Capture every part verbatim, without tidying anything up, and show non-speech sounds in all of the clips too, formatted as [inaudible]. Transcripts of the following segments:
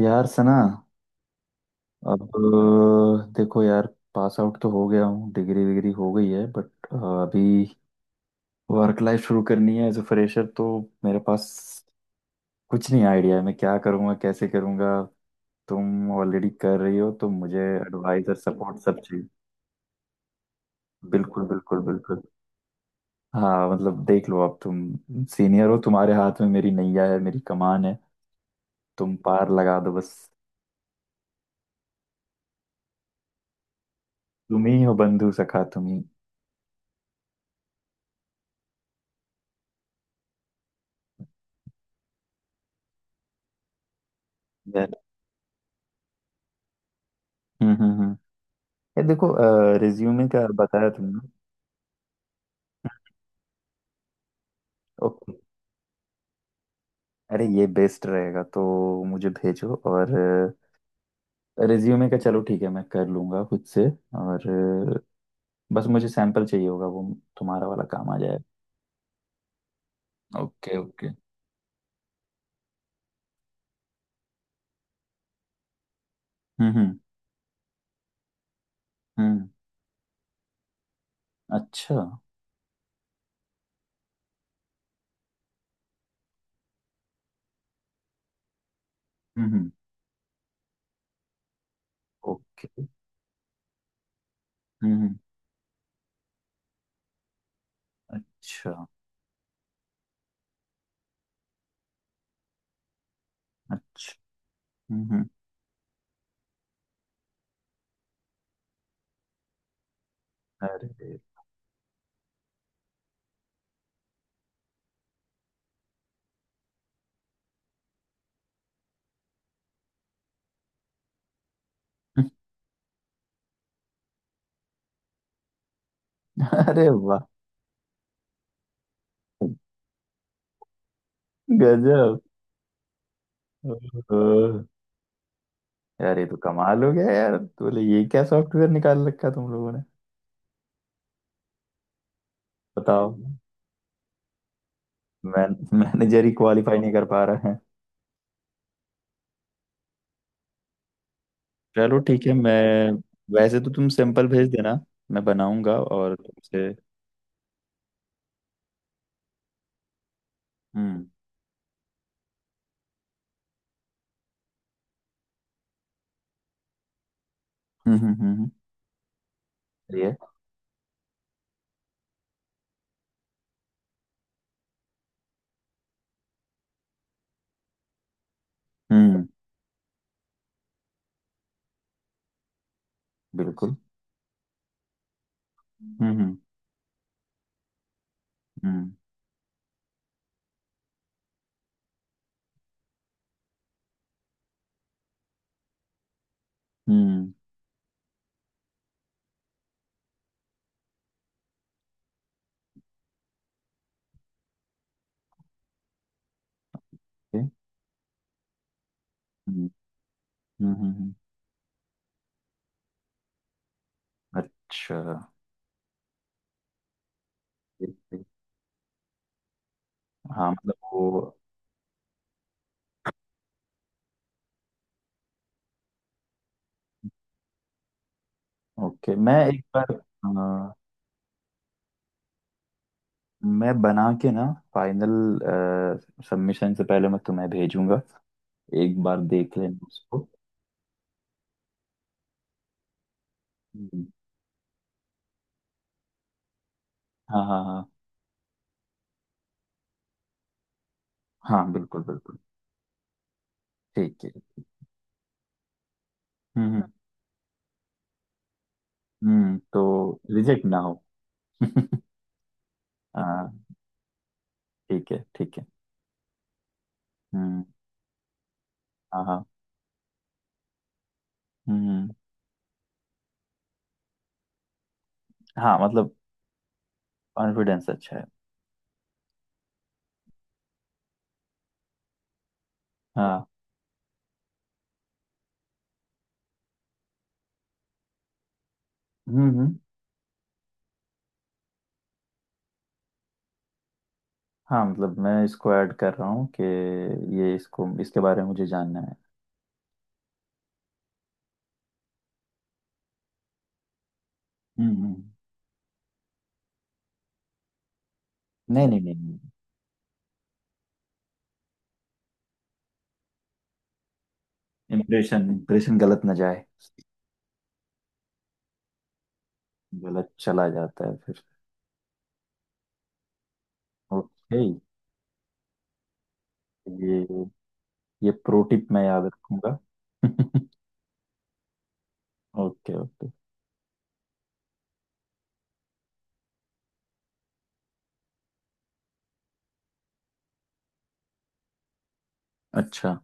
यार सना। अब अ, देखो यार। पास आउट तो हो गया हूँ, डिग्री विग्री हो गई है, बट अभी वर्क लाइफ शुरू करनी है एज अ फ्रेशर। तो मेरे पास कुछ नहीं आइडिया है, मैं क्या करूँगा कैसे करूँगा। तुम ऑलरेडी कर रही हो तो मुझे एडवाइस और सपोर्ट सब चाहिए। बिल्कुल बिल्कुल बिल्कुल। हाँ मतलब देख लो आप, तुम सीनियर हो, तुम्हारे हाथ में मेरी नैया है, मेरी कमान है। तुम पार लगा दो बस। तुम ही हो बंधु सखा, तुम ही। यार, हम्म हम्म हम्म, ये देखो। रिज्यूमे का बताया तुमने। ओके। अरे ये बेस्ट रहेगा तो मुझे भेजो। और रिज्यूमे का चलो ठीक है, मैं कर लूँगा खुद से। और अ, बस मुझे सैंपल चाहिए होगा, वो तुम्हारा वाला काम आ जाएगा। Okay okay. हम्म हम्म हम्म, अच्छा हम्म। हम्म। ओके। हम्म हम्म, अच्छा, अच्छा हम्म हम्म। अरे। [laughs] अरे वाह। गजब। ओहो, यार ये तो कमाल हो गया। यार तो बोले ये क्या सॉफ्टवेयर निकाल रखा तुम लोगों ने। बताओ। मैं मैनेजर ही क्वालिफाई नहीं कर पा रहा है। चलो ठीक है। मैं वैसे तो, तुम सैंपल भेज देना, मैं बनाऊंगा और तुमसे। हम्म हम्म हम्म हम्म, हम्म, ये। हम्म। बिल्कुल। हम्म हम्म। हम्म हम्म, ये, हम्म हम्म हम्म, हम्म, अच्छा। ठीक, ठीक। हाँ मतलब वो, ओके, मैं एक बार, अ, मैं बना के ना, फाइनल सबमिशन से पहले मैं तुम्हें भेजूंगा। एक बार देख लेना उसको। हम्म, हाँ हाँ हाँ। हाँ बिल्कुल बिल्कुल। ठीक है। हम्म हम्म हम्म, तो रिजेक्ट ना हो। [laughs] हाँ, ठीक है ठीक है। हम्म। हाँ हाँ। हम्म। हाँ मतलब कॉन्फिडेंस अच्छा है। हाँ। हम्म हम्म। हाँ मतलब मैं इसको ऐड कर रहा हूँ कि ये, इसको, इसके बारे में मुझे जानना है। हम्म हम्म। हम्म। नहीं नहीं नहीं। इम्प्रेशन, इम्प्रेशन गलत ना जाए। गलत चला जाता है फिर। ओके। ये ये प्रो टिप मैं याद रखूंगा। [laughs] Okay okay. अच्छा।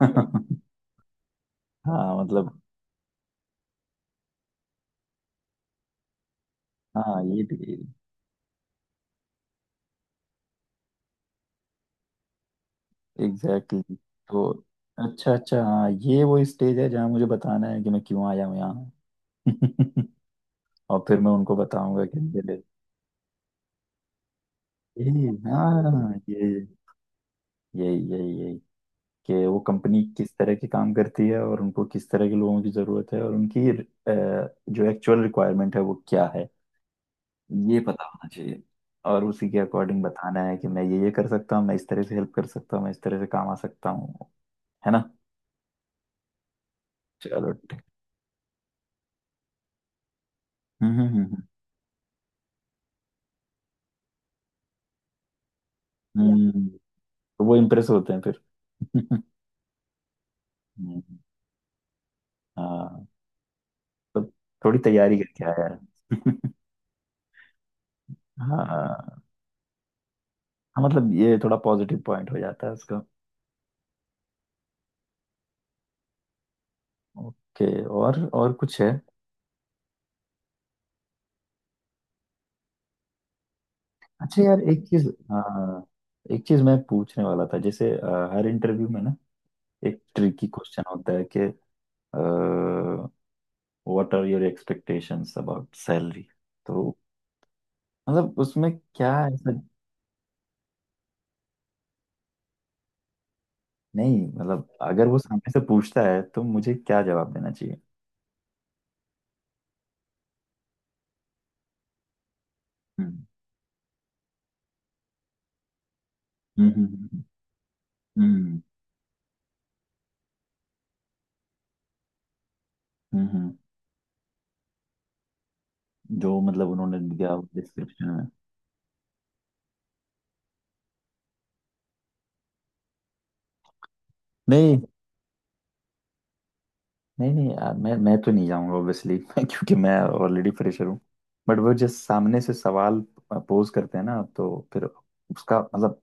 [laughs] हाँ मतलब, हाँ ये एग्जैक्टली exactly. तो अच्छा अच्छा, हाँ ये वो स्टेज है जहाँ मुझे बताना है कि मैं क्यों आया हूँ यहाँ। [laughs] और फिर मैं उनको बताऊंगा कि मेरे, यही, हाँ ये, यही यही यही कि वो कंपनी किस तरह के काम करती है और उनको किस तरह के लोगों की जरूरत है, और उनकी अ, जो एक्चुअल रिक्वायरमेंट है वो क्या है, ये पता होना चाहिए। और उसी के अकॉर्डिंग बताना है कि मैं ये ये कर सकता हूँ, मैं इस तरह से हेल्प कर सकता हूँ, मैं इस तरह से काम आ सकता हूँ, है ना। चलो, हम्म हम्म, हम्म, या हम्म, तो वो इम्प्रेस होते हैं फिर। [laughs] हम्म, हाँ, तो थोड़ी तैयारी करके आया है। [laughs] हाँ हाँ मतलब ये थोड़ा पॉजिटिव पॉइंट हो जाता है उसका। ओके, और और कुछ है। अच्छा यार एक चीज, हाँ, एक चीज मैं पूछने वाला था, जैसे अ, हर इंटरव्यू में ना एक ट्रिकी क्वेश्चन होता है कि what are your expectations about salary. तो मतलब उसमें क्या ऐसा, नहीं मतलब अगर वो सामने से पूछता है तो मुझे क्या जवाब देना चाहिए। हम्म हम्म हम्म हम्म, हम्म, हम्म, जो मतलब उन्होंने दिया डिस्क्रिप्शन में। नहीं नहीं नहीं यार, मैं मैं तो नहीं जाऊंगा ऑब्वियसली, [laughs] क्योंकि मैं ऑलरेडी फ्रेशर हूँ। बट वो जब सामने से सवाल पोज करते हैं ना, तो फिर उसका मतलब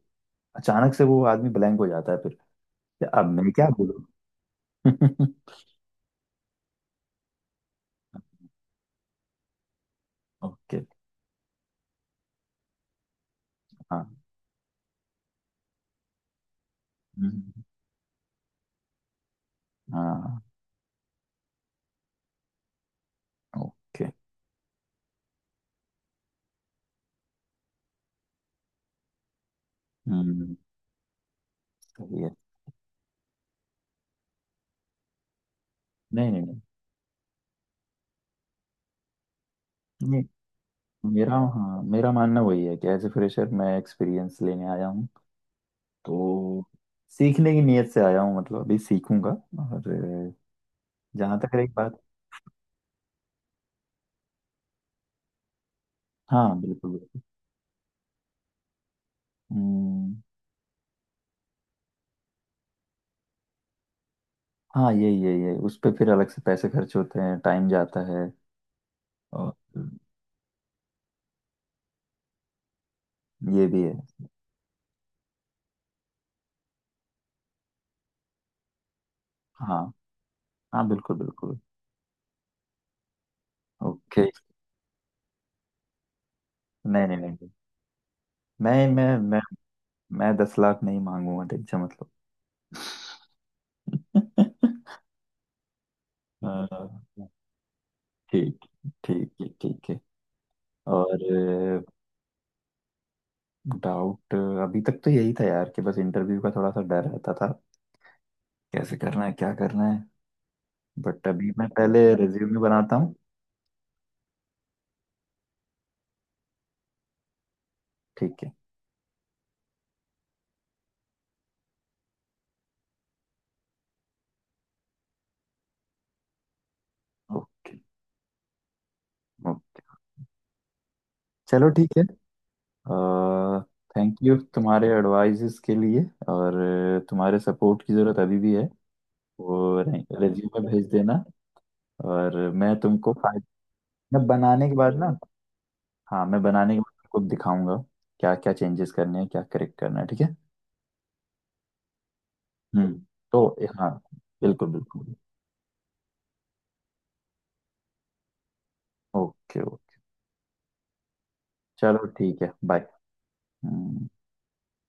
अचानक से वो आदमी ब्लैंक हो जाता है फिर, कि अब मैं क्या बोलूँ। [laughs] ओके। हाँ, हम्म, हाँ। ओके। हम्म। सही है। नहीं नहीं नहीं, मेरा, हाँ मेरा मानना वही है कि एज ए फ्रेशर मैं एक्सपीरियंस लेने आया हूँ। तो सीखने की नीयत से आया हूँ, मतलब अभी सीखूंगा। और जहाँ तक रही बात, हाँ बिल्कुल बिल्कुल। हम्म, हाँ यही यही है, उस पर फिर अलग से पैसे खर्च होते हैं, टाइम जाता है। और ये भी है। हाँ हाँ बिल्कुल बिल्कुल। ओके। नहीं नहीं नहीं, मैं मैं मैं मैं दस लाख नहीं मांगूंगा, टेंशन मतलब। [laughs] अ, ठीक, ठीक है ठीक है। और डाउट, अभी तक तो यही था यार कि बस इंटरव्यू का थोड़ा सा डर रहता था, कैसे करना है क्या करना है, बट अभी मैं पहले रिज्यूमे बनाता हूँ। ठीक है। Okay okay. चलो ठीक है, थैंक यू तुम्हारे एडवाइजेस के लिए। और तुम्हारे सपोर्ट की ज़रूरत अभी भी है। और रिज्यूमे भेज देना। और मैं तुमको फाइल, मैं बनाने के बाद ना, हाँ, मैं बनाने के बाद तुमको दिखाऊंगा क्या क्या चेंजेस करने हैं, क्या करेक्ट करना है। ठीक है। हम्म, तो हाँ बिल्कुल बिल्कुल। Okay okay. चलो ठीक है बाय। हम्म।